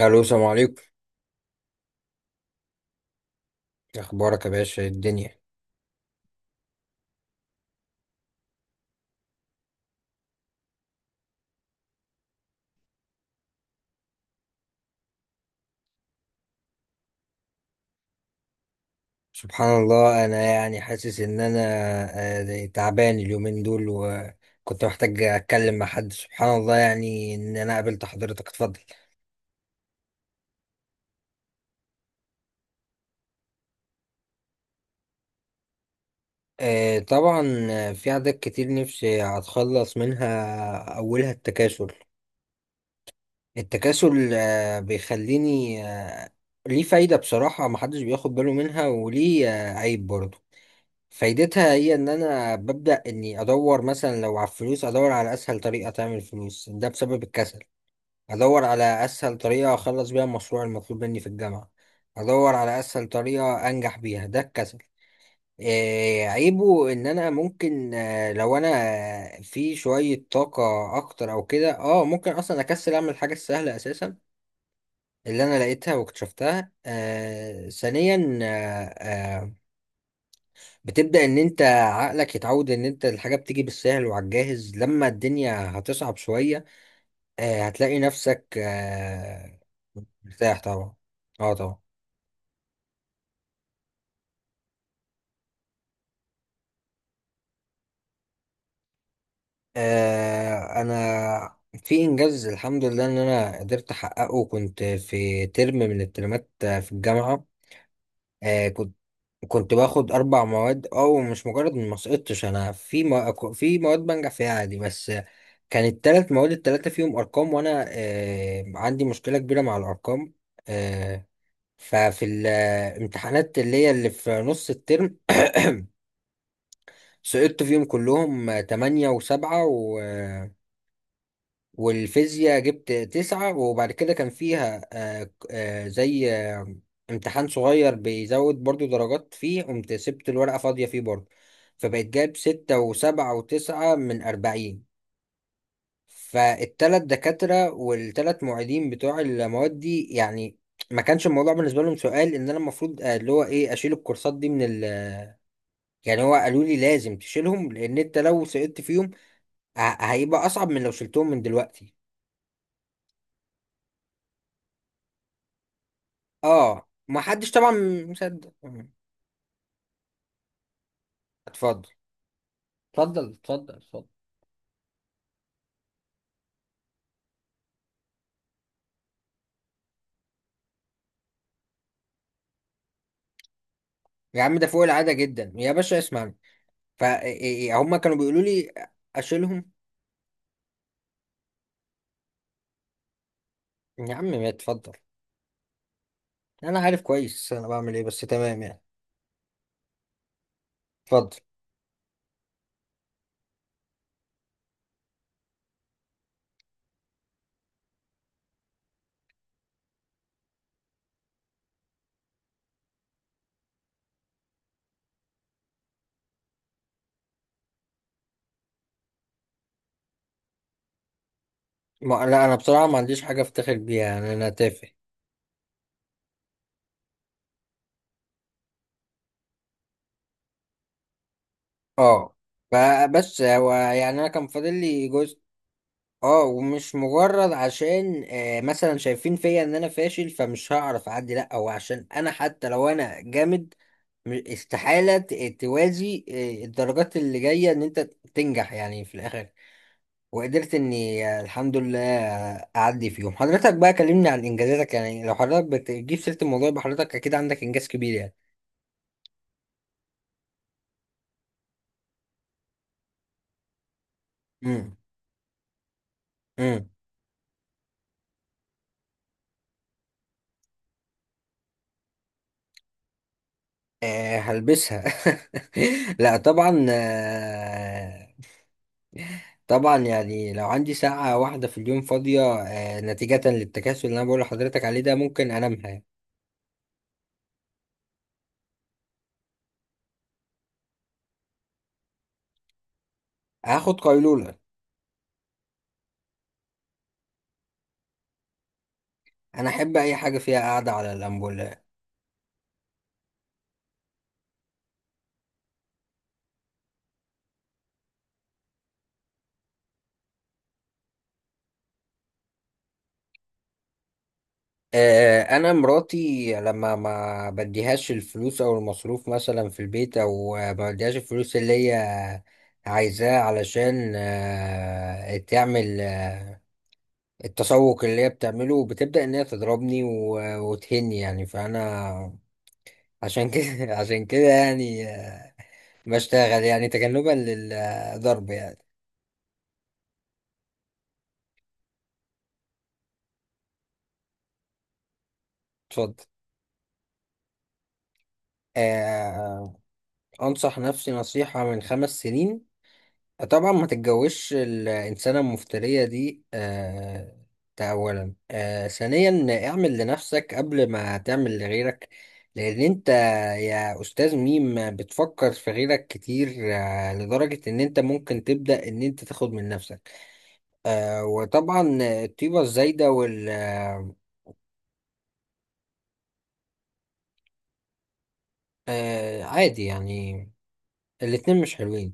الو السلام عليكم. إيه اخبارك يا باشا؟ إيه الدنيا؟ سبحان الله، انا يعني حاسس ان انا تعبان اليومين دول، وكنت محتاج اتكلم مع حد. سبحان الله يعني ان انا قابلت حضرتك. اتفضل. آه، طبعا آه، في عادات كتير نفسي اتخلص منها، اولها التكاسل. التكاسل بيخليني ليه فايدة بصراحة، محدش بياخد باله منها، وليه عيب برضه. فايدتها هي ان انا ببدأ اني ادور مثلا لو على الفلوس، ادور على اسهل طريقة تعمل فلوس، ده بسبب الكسل. ادور على اسهل طريقة اخلص بيها المشروع المطلوب مني في الجامعة. ادور على اسهل طريقة انجح بيها، ده الكسل. إيه عيبه؟ ان انا ممكن لو انا في شوية طاقة اكتر او كده ممكن اصلا اكسل اعمل الحاجة السهلة اساسا اللي انا لقيتها واكتشفتها. ثانيا بتبدأ ان انت عقلك يتعود ان انت الحاجة بتيجي بالسهل وعلى الجاهز. لما الدنيا هتصعب شوية هتلاقي نفسك مرتاح طبعا. اه طبعا. انا في انجاز الحمد لله ان انا قدرت احققه، كنت في ترم من الترمات في الجامعة. كنت باخد اربع مواد، او مش مجرد إني ما سقطتش، انا في في مواد بنجح فيها عادي بس. كانت ثلاث مواد، الثلاثه فيهم ارقام، وانا عندي مشكله كبيره مع الارقام. آه ففي الامتحانات اللي هي اللي في نص الترم سقطت فيهم كلهم تمانية وسبعة. والفيزياء جبت تسعة، وبعد كده كان فيها زي امتحان صغير بيزود برضو درجات فيه، قمت سبت الورقة فاضية فيه برضو. فبقيت جايب ستة وسبعة وتسعة من 40. فالتلات دكاترة والتلات معيدين بتوع المواد دي، يعني ما كانش الموضوع بالنسبة لهم سؤال، إن أنا المفروض اللي هو إيه أشيل الكورسات دي من ال. يعني هو قالوا لي لازم تشيلهم، لأن أنت لو سقطت فيهم ه- هيبقى أصعب من لو شلتهم من دلوقتي. اه، ما حدش طبعا مصدق. اتفضل، اتفضل، اتفضل، اتفضل. يا عم ده فوق العادة جدا يا باشا، اسمعني. فهم كانوا بيقولوا لي اشيلهم. يا عم ما اتفضل. انا عارف كويس انا بعمل ايه، بس تمام يعني. اتفضل. ما، لا انا بصراحة ما عنديش حاجة افتخر بيها، يعني انا تافه. اه. فبس هو يعني انا كان فاضل لي جزء. اه، ومش مجرد عشان مثلا شايفين فيا ان انا فاشل فمش هعرف اعدي، لا هو عشان انا حتى لو انا جامد استحالة توازي الدرجات اللي جاية ان انت تنجح يعني في الاخر. وقدرت اني الحمد لله اعدي فيهم. حضرتك بقى كلمني عن انجازاتك يعني، لو حضرتك بتجيب سيرة الموضوع يبقى حضرتك اكيد عندك انجاز كبير يعني. امم امم هلبسها. لا طبعا. طبعا يعني لو عندي ساعة واحدة في اليوم فاضية نتيجة للتكاسل اللي انا بقول لحضرتك عليه، ده ممكن انامها يعني. هاخد قيلولة. انا احب اي حاجة فيها قاعدة على اللامبو. انا مراتي لما ما بديهاش الفلوس او المصروف مثلا في البيت، او ما بديهاش الفلوس اللي هي عايزاه علشان تعمل التسوق اللي هي بتعمله، بتبدأ ان هي تضربني وتهني يعني. فانا عشان كده عشان كده يعني بشتغل يعني تجنبا للضرب يعني. اتفضل. آه، آه، انصح نفسي نصيحة من 5 سنين؟ طبعا ما تتجوزش الإنسانة المفترية دي. ده أولا. ثانيا، اعمل لنفسك قبل ما تعمل لغيرك، لأن أنت يا أستاذ ميم بتفكر في غيرك كتير لدرجة إن أنت ممكن تبدأ إن أنت تاخد من نفسك. وطبعا الطيبة الزايدة وال عادي يعني، الاتنين مش حلوين.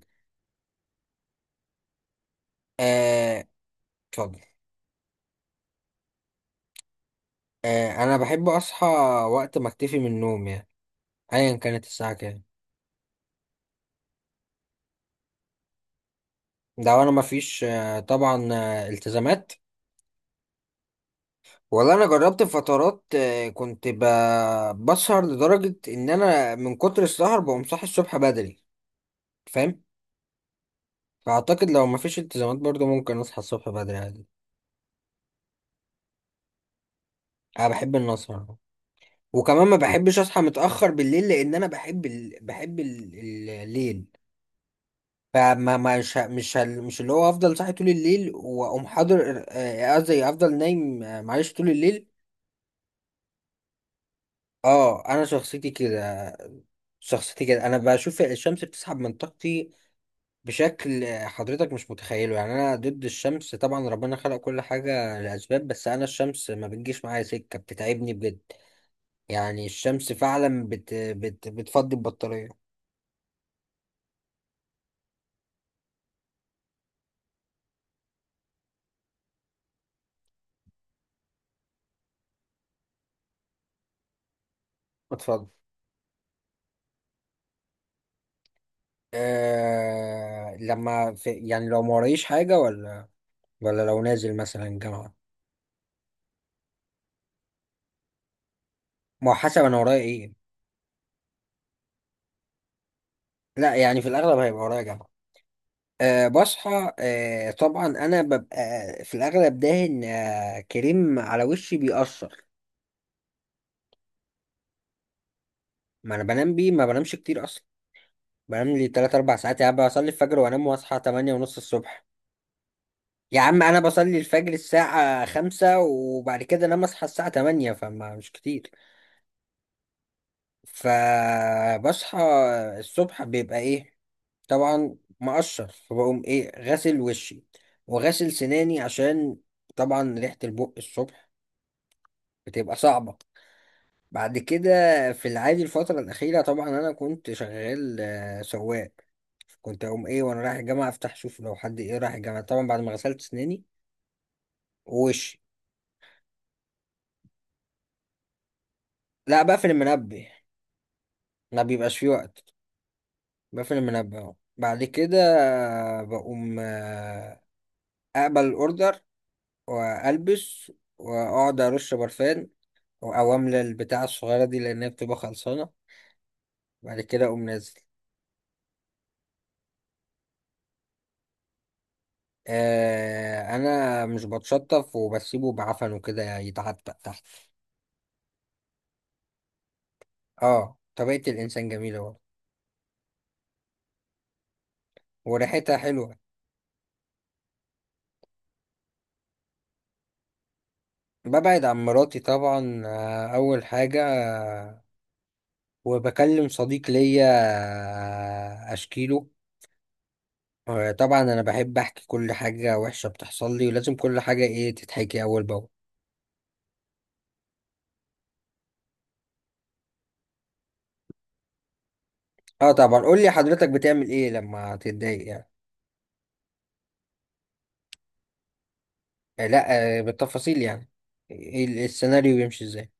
آه اتفضل. أنا بحب أصحى وقت ما أكتفي من النوم يعني، أيا كانت الساعة كام. ده انا مفيش طبعا التزامات. ولا انا جربت فترات كنت بسهر لدرجة ان انا من كتر السهر بقوم صاحي الصبح بدري. فاهم. فاعتقد لو مفيش التزامات برضو ممكن اصحى الصبح بدري عادي. انا بحب ان اسهر. وكمان ما بحبش اصحى متأخر بالليل، لان انا بحب الليل. فما مش اللي هو افضل صاحي طول الليل واقوم حاضر، قصدي افضل نايم معلش طول الليل. اه، انا شخصيتي كده. شخصيتي كده، انا بشوف الشمس بتسحب من طاقتي بشكل حضرتك مش متخيله، يعني انا ضد الشمس طبعا، ربنا خلق كل حاجة لأسباب، بس انا الشمس ما بتجيش معايا سكة، بتتعبني بجد. يعني الشمس فعلا بت بت بتفضي البطارية بتفضي. لما في يعني لو ما ورايش حاجة ولا. ولا لو نازل مثلا جامعة. ما هو حسب انا ورايا ايه. لا يعني في الاغلب هيبقى ورايا جامعة. أه بصحى، أه طبعا، انا ببقى في الاغلب داهن كريم على وشي بيأثر. ما انا بنام بيه، ما بنامش كتير اصلا. بنام لي 3 4 ساعات يا عم، بصلي الفجر وانام واصحى 8 ونص الصبح. يا عم انا بصلي الفجر الساعة 5 وبعد كده انام، اصحى الساعة 8، فما مش كتير. فبصحى الصبح، بيبقى ايه طبعا مقشر، فبقوم ايه غسل وشي وغسل سناني عشان طبعا ريحة البق الصبح بتبقى صعبة. بعد كده في العادي الفترة الأخيرة طبعا أنا كنت شغال سواق. كنت أقوم إيه وأنا رايح الجامعة أفتح أشوف لو حد إيه رايح الجامعة، طبعا بعد ما غسلت أسناني ووشي. لا بقفل المنبه، ما بيبقاش فيه وقت. بقفل المنبه أهو، بعد كده بقوم أقبل الأوردر، وألبس، وأقعد أرش برفان، أو أملى البتاعة الصغيرة دي لأنها بتبقى خلصانة. بعد كده أقوم نازل. انا مش بتشطف وبسيبه بعفن وكده يتعتق تحت. اه، طبيعة الانسان جميلة برضه. وريحتها حلوة. ببعد عن مراتي طبعا، اول حاجة. وبكلم صديق ليا، اشكيله. طبعا انا بحب احكي كل حاجة وحشة بتحصل لي، ولازم كل حاجة ايه تتحكي اول باول. اه طبعا. قول لي حضرتك بتعمل ايه لما تتضايق يعني؟ لا بالتفاصيل يعني، إيه السيناريو يمشي ازاي؟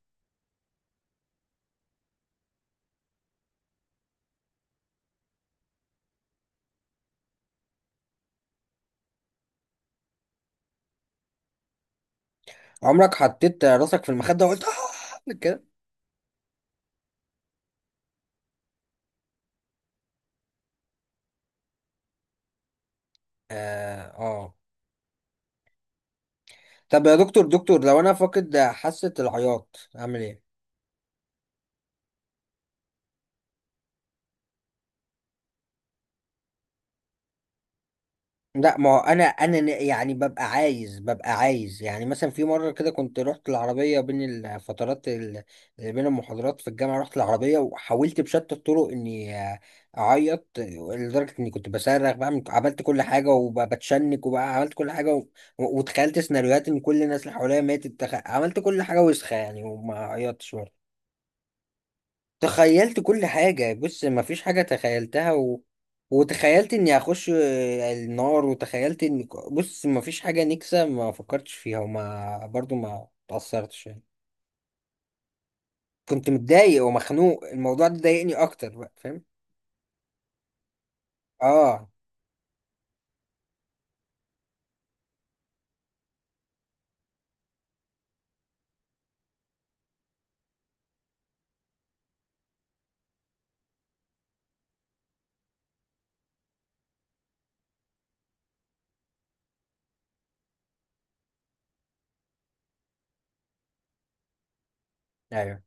عمرك حطيت راسك في المخدة وقلت اه كده؟ اه. طب يا دكتور دكتور، لو انا فاقد حاسة العياط اعمل ايه؟ لا ما هو انا يعني ببقى عايز يعني، مثلا في مره كده كنت رحت العربيه بين الفترات اللي بين المحاضرات في الجامعه، رحت العربيه وحاولت بشتى الطرق اني اعيط لدرجه اني كنت بصرخ بقى، عملت كل حاجه وبتشنك وبقى عملت كل حاجه و... وتخيلت سيناريوهات ان كل الناس اللي حواليا ماتت، عملت كل حاجه وسخه يعني وما عيطتش. تخيلت كل حاجة، بص مفيش حاجة تخيلتها و... وتخيلت اني هخش النار، وتخيلت ان بص مفيش حاجة نكسة ما فكرتش فيها، وما برضو ما تأثرتش يعني. كنت متضايق ومخنوق، الموضوع ده ضايقني اكتر بقى، فاهم؟ اه ايوه.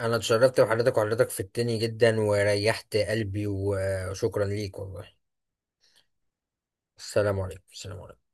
انا اتشرفت بحضرتك، وحضرتك فدتني جدا وريحت قلبي وشكرا ليك والله. السلام عليكم، السلام عليكم.